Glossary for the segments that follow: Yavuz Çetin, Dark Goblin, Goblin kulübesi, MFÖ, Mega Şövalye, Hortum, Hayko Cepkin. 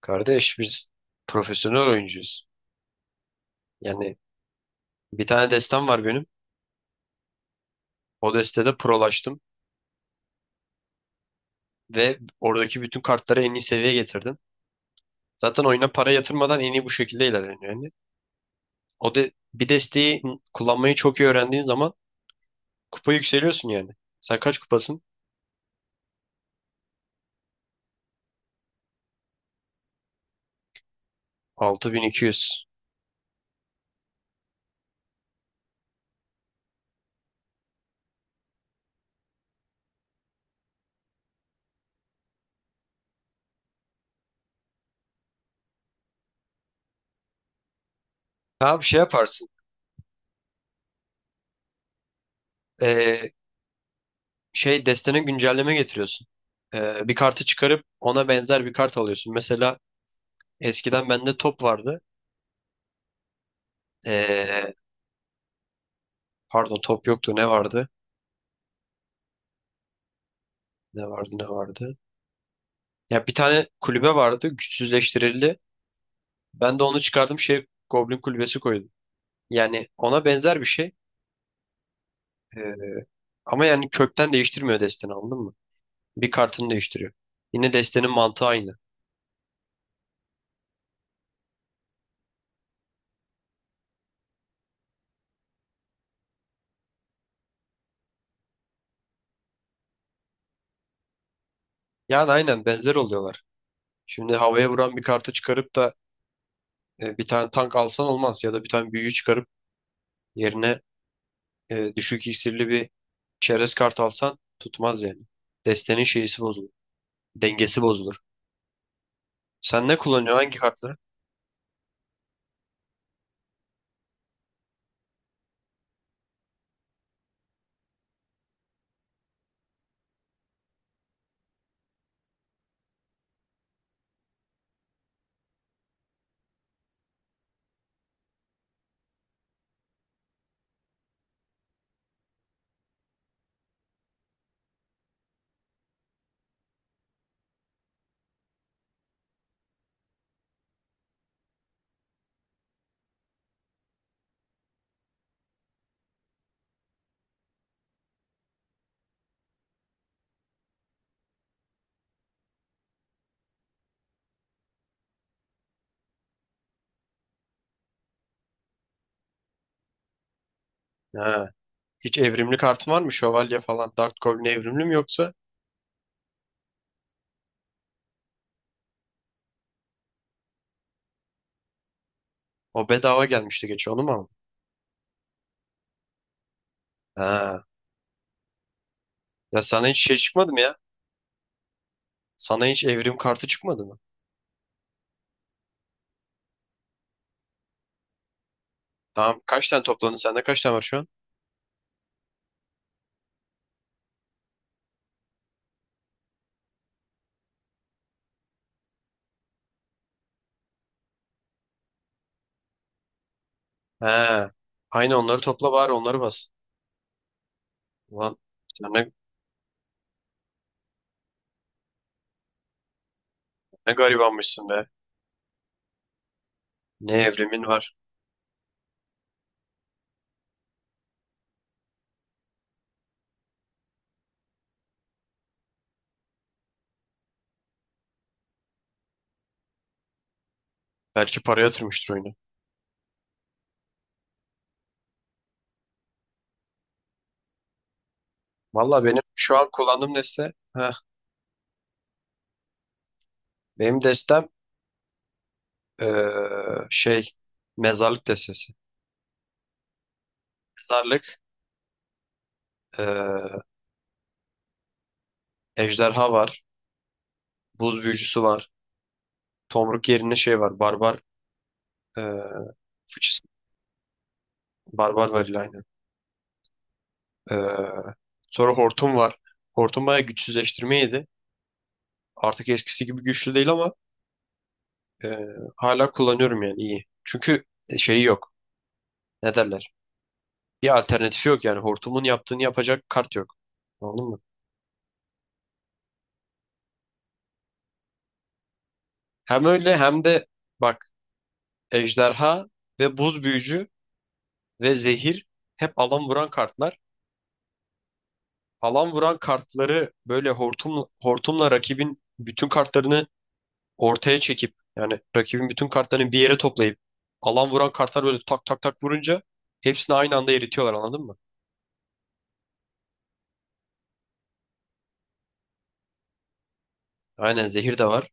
Kardeş biz profesyonel oyuncuyuz. Yani Bir tane destem var benim. O destede prolaştım ve oradaki bütün kartları en iyi seviyeye getirdim. Zaten oyuna para yatırmadan en iyi bu şekilde ilerleniyor yani. O de bir desteği kullanmayı çok iyi öğrendiğin zaman kupa yükseliyorsun yani. Sen kaç kupasın? 6200. Abi şey yaparsın. Ee, şey destene güncelleme getiriyorsun. Bir kartı çıkarıp ona benzer bir kart alıyorsun. Mesela eskiden bende top vardı. Ee, Pardon top yoktu ne vardı? Ne vardı ne vardı. Ya bir tane kulübe vardı, güçsüzleştirildi. Ben de onu çıkardım, şey Goblin kulübesi koydum. Yani ona benzer bir şey. Ee, Ama yani kökten değiştirmiyor desteni, anladın mı? Bir kartını değiştiriyor. Yine destenin mantığı aynı. Yani aynen benzer oluyorlar. Şimdi havaya vuran bir kartı çıkarıp da bir tane tank alsan olmaz. Ya da bir tane büyüyü çıkarıp yerine düşük iksirli bir çerez kart alsan tutmaz yani. Destenin şeysi bozulur. Dengesi bozulur. Sen ne kullanıyorsun? Hangi kartları? Ha. Hiç evrimli kartın var mı? Şövalye falan. Dark Goblin evrimli mi yoksa? O bedava gelmişti geçen, onu mu aldın? Ha. Ya sana hiç şey çıkmadı mı ya? Sana hiç evrim kartı çıkmadı mı? Tamam. Kaç tane topladın? Sende kaç tane var şu an? He. Aynı onları topla bari, onları bas. Ulan sen ne, ne garibanmışsın be. Ne evrimin var. Belki para yatırmıştır oyuna. Valla benim şu an kullandığım deste. Heh, benim destem şey mezarlık destesi. Mezarlık eee, ejderha var. Buz büyücüsü var. Tomruk yerine şey var. Barbar e, fıçısı. Barbar var aynen. E, Sonra Hortum var. Hortum bayağı güçsüzleştirme yedi. Artık eskisi gibi güçlü değil ama e, hala kullanıyorum yani iyi. Çünkü şeyi yok. Ne derler? Bir alternatifi yok yani. Hortumun yaptığını yapacak kart yok. Anladın mı? Hem öyle hem de bak, ejderha ve buz büyücü ve zehir hep alan vuran kartlar. Alan vuran kartları böyle hortum, hortumla rakibin bütün kartlarını ortaya çekip, yani rakibin bütün kartlarını bir yere toplayıp alan vuran kartlar böyle tak tak tak vurunca hepsini aynı anda eritiyorlar, anladın mı? Aynen, zehir de var.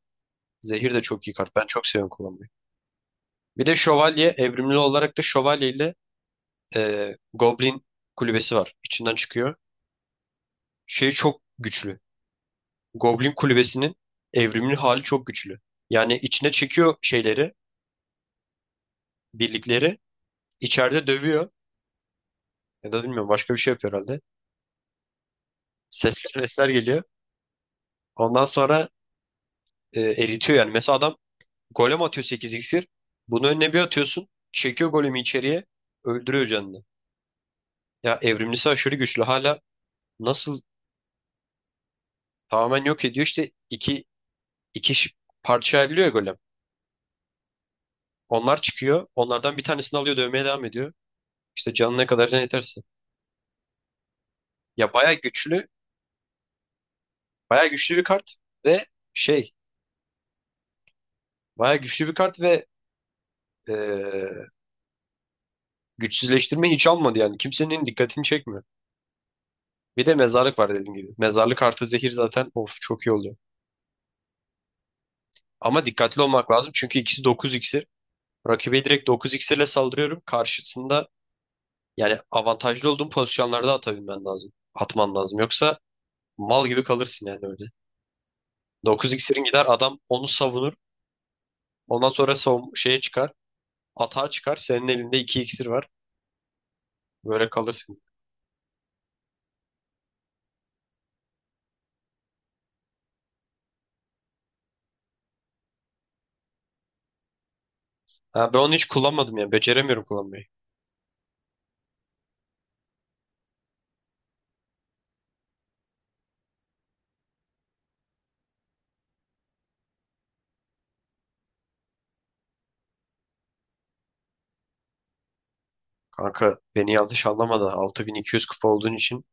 Zehir de çok iyi kart. Ben çok seviyorum kullanmayı. Bir de şövalye, evrimli olarak da şövalye ile Goblin kulübesi var. İçinden çıkıyor. Şey çok güçlü. Goblin kulübesinin evrimli hali çok güçlü. Yani içine çekiyor şeyleri, birlikleri. İçeride dövüyor. Ya da bilmiyorum başka bir şey yapıyor herhalde. Sesler sesler geliyor. Ondan sonra eritiyor yani. Mesela adam golem atıyor, 8 iksir. Bunu önüne bir atıyorsun. Çekiyor golemi içeriye. Öldürüyor canını. Ya evrimlisi aşırı güçlü. Hala nasıl tamamen yok ediyor. İşte iki ş- parça ayrılıyor ya golem. Onlar çıkıyor. Onlardan bir tanesini alıyor, dövmeye devam ediyor. İşte canına kadar, can yeterse. Ya baya güçlü. Baya güçlü bir kart. Ve şey baya güçlü bir kart ve e, güçsüzleştirme hiç almadı yani. Kimsenin dikkatini çekmiyor. Bir de mezarlık var dediğim gibi. Mezarlık artı zehir zaten of çok iyi oluyor. Ama dikkatli olmak lazım çünkü ikisi 9 iksir. Rakibe direkt 9 iksirle saldırıyorum. Karşısında yani avantajlı olduğum pozisyonlarda atabilmen lazım. Atman lazım. Yoksa mal gibi kalırsın yani öyle. 9 iksirin gider, adam onu savunur. Ondan sonra savun şeye çıkar. Atağa çıkar. Senin elinde 2 iksir var. Böyle kalırsın. Ha, ben onu hiç kullanmadım ya. Beceremiyorum kullanmayı. Kanka beni yanlış anlama da 6200 kupa olduğun için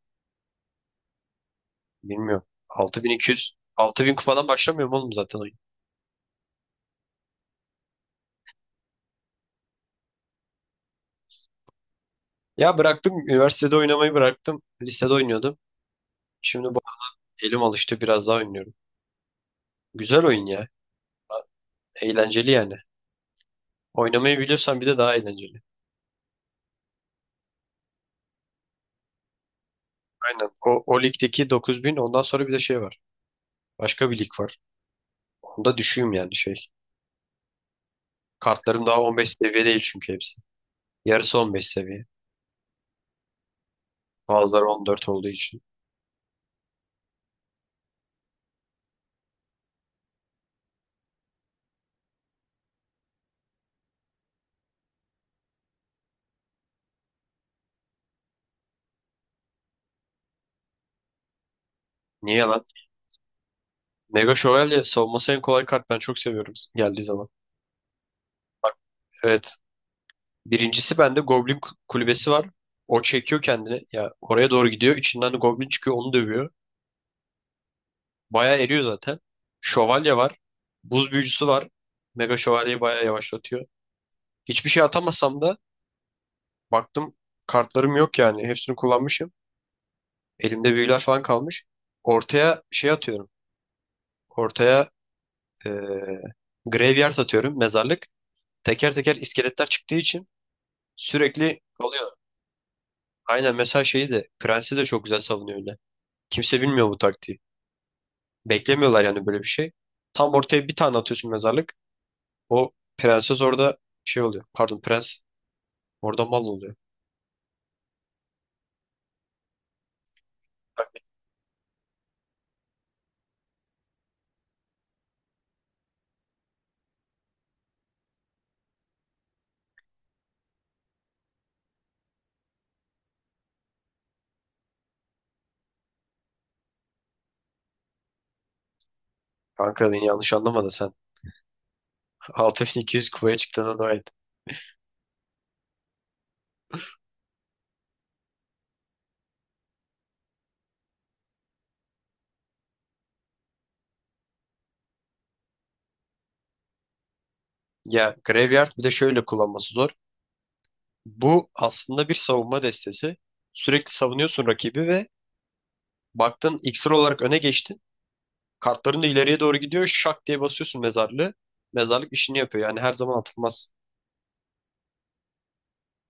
bilmiyorum. 6200, 6000 kupadan başlamıyorum oğlum zaten oyun. Ya bıraktım. Üniversitede oynamayı bıraktım. Lisede oynuyordum. Şimdi bu elim alıştı, biraz daha oynuyorum. Güzel oyun ya. Eğlenceli yani. Oynamayı biliyorsan bir de daha eğlenceli. Aynen. O ligdeki 9000, ondan sonra bir de şey var. Başka bir lig var. Onda düşüğüm yani şey. Kartlarım daha 15 seviye değil çünkü hepsi. Yarısı 15 seviye. Bazıları 14 olduğu için. Niye lan? Mega Şövalye savunması en kolay kart. Ben çok seviyorum geldiği zaman. Evet. Birincisi bende Goblin kulübesi var. O çekiyor kendini. Ya oraya doğru gidiyor. İçinden de Goblin çıkıyor. Onu dövüyor. Bayağı eriyor zaten. Şövalye var. Buz büyücüsü var. Mega şövalyeyi bayağı yavaşlatıyor. Hiçbir şey atamasam da baktım kartlarım yok yani. Hepsini kullanmışım. Elimde büyüler falan kalmış. Ortaya şey atıyorum. Ortaya eee graveyard atıyorum. Mezarlık. Teker teker iskeletler çıktığı için sürekli oluyor. Aynen, mesela şeyi de, Prensi de çok güzel savunuyor öyle. Kimse bilmiyor bu taktiği. Beklemiyorlar yani böyle bir şey. Tam ortaya bir tane atıyorsun mezarlık. O prenses orada şey oluyor. Pardon prens orada mal oluyor. Kanka beni yanlış anlama da sen 6200 kupaya çıktığına dua et. Ya Graveyard bir de şöyle kullanması zor. Bu aslında bir savunma destesi. Sürekli savunuyorsun rakibi ve baktın iksir olarak öne geçtin. Kartların da ileriye doğru gidiyor. Şak diye basıyorsun mezarlığı. Mezarlık işini yapıyor. Yani her zaman atılmaz.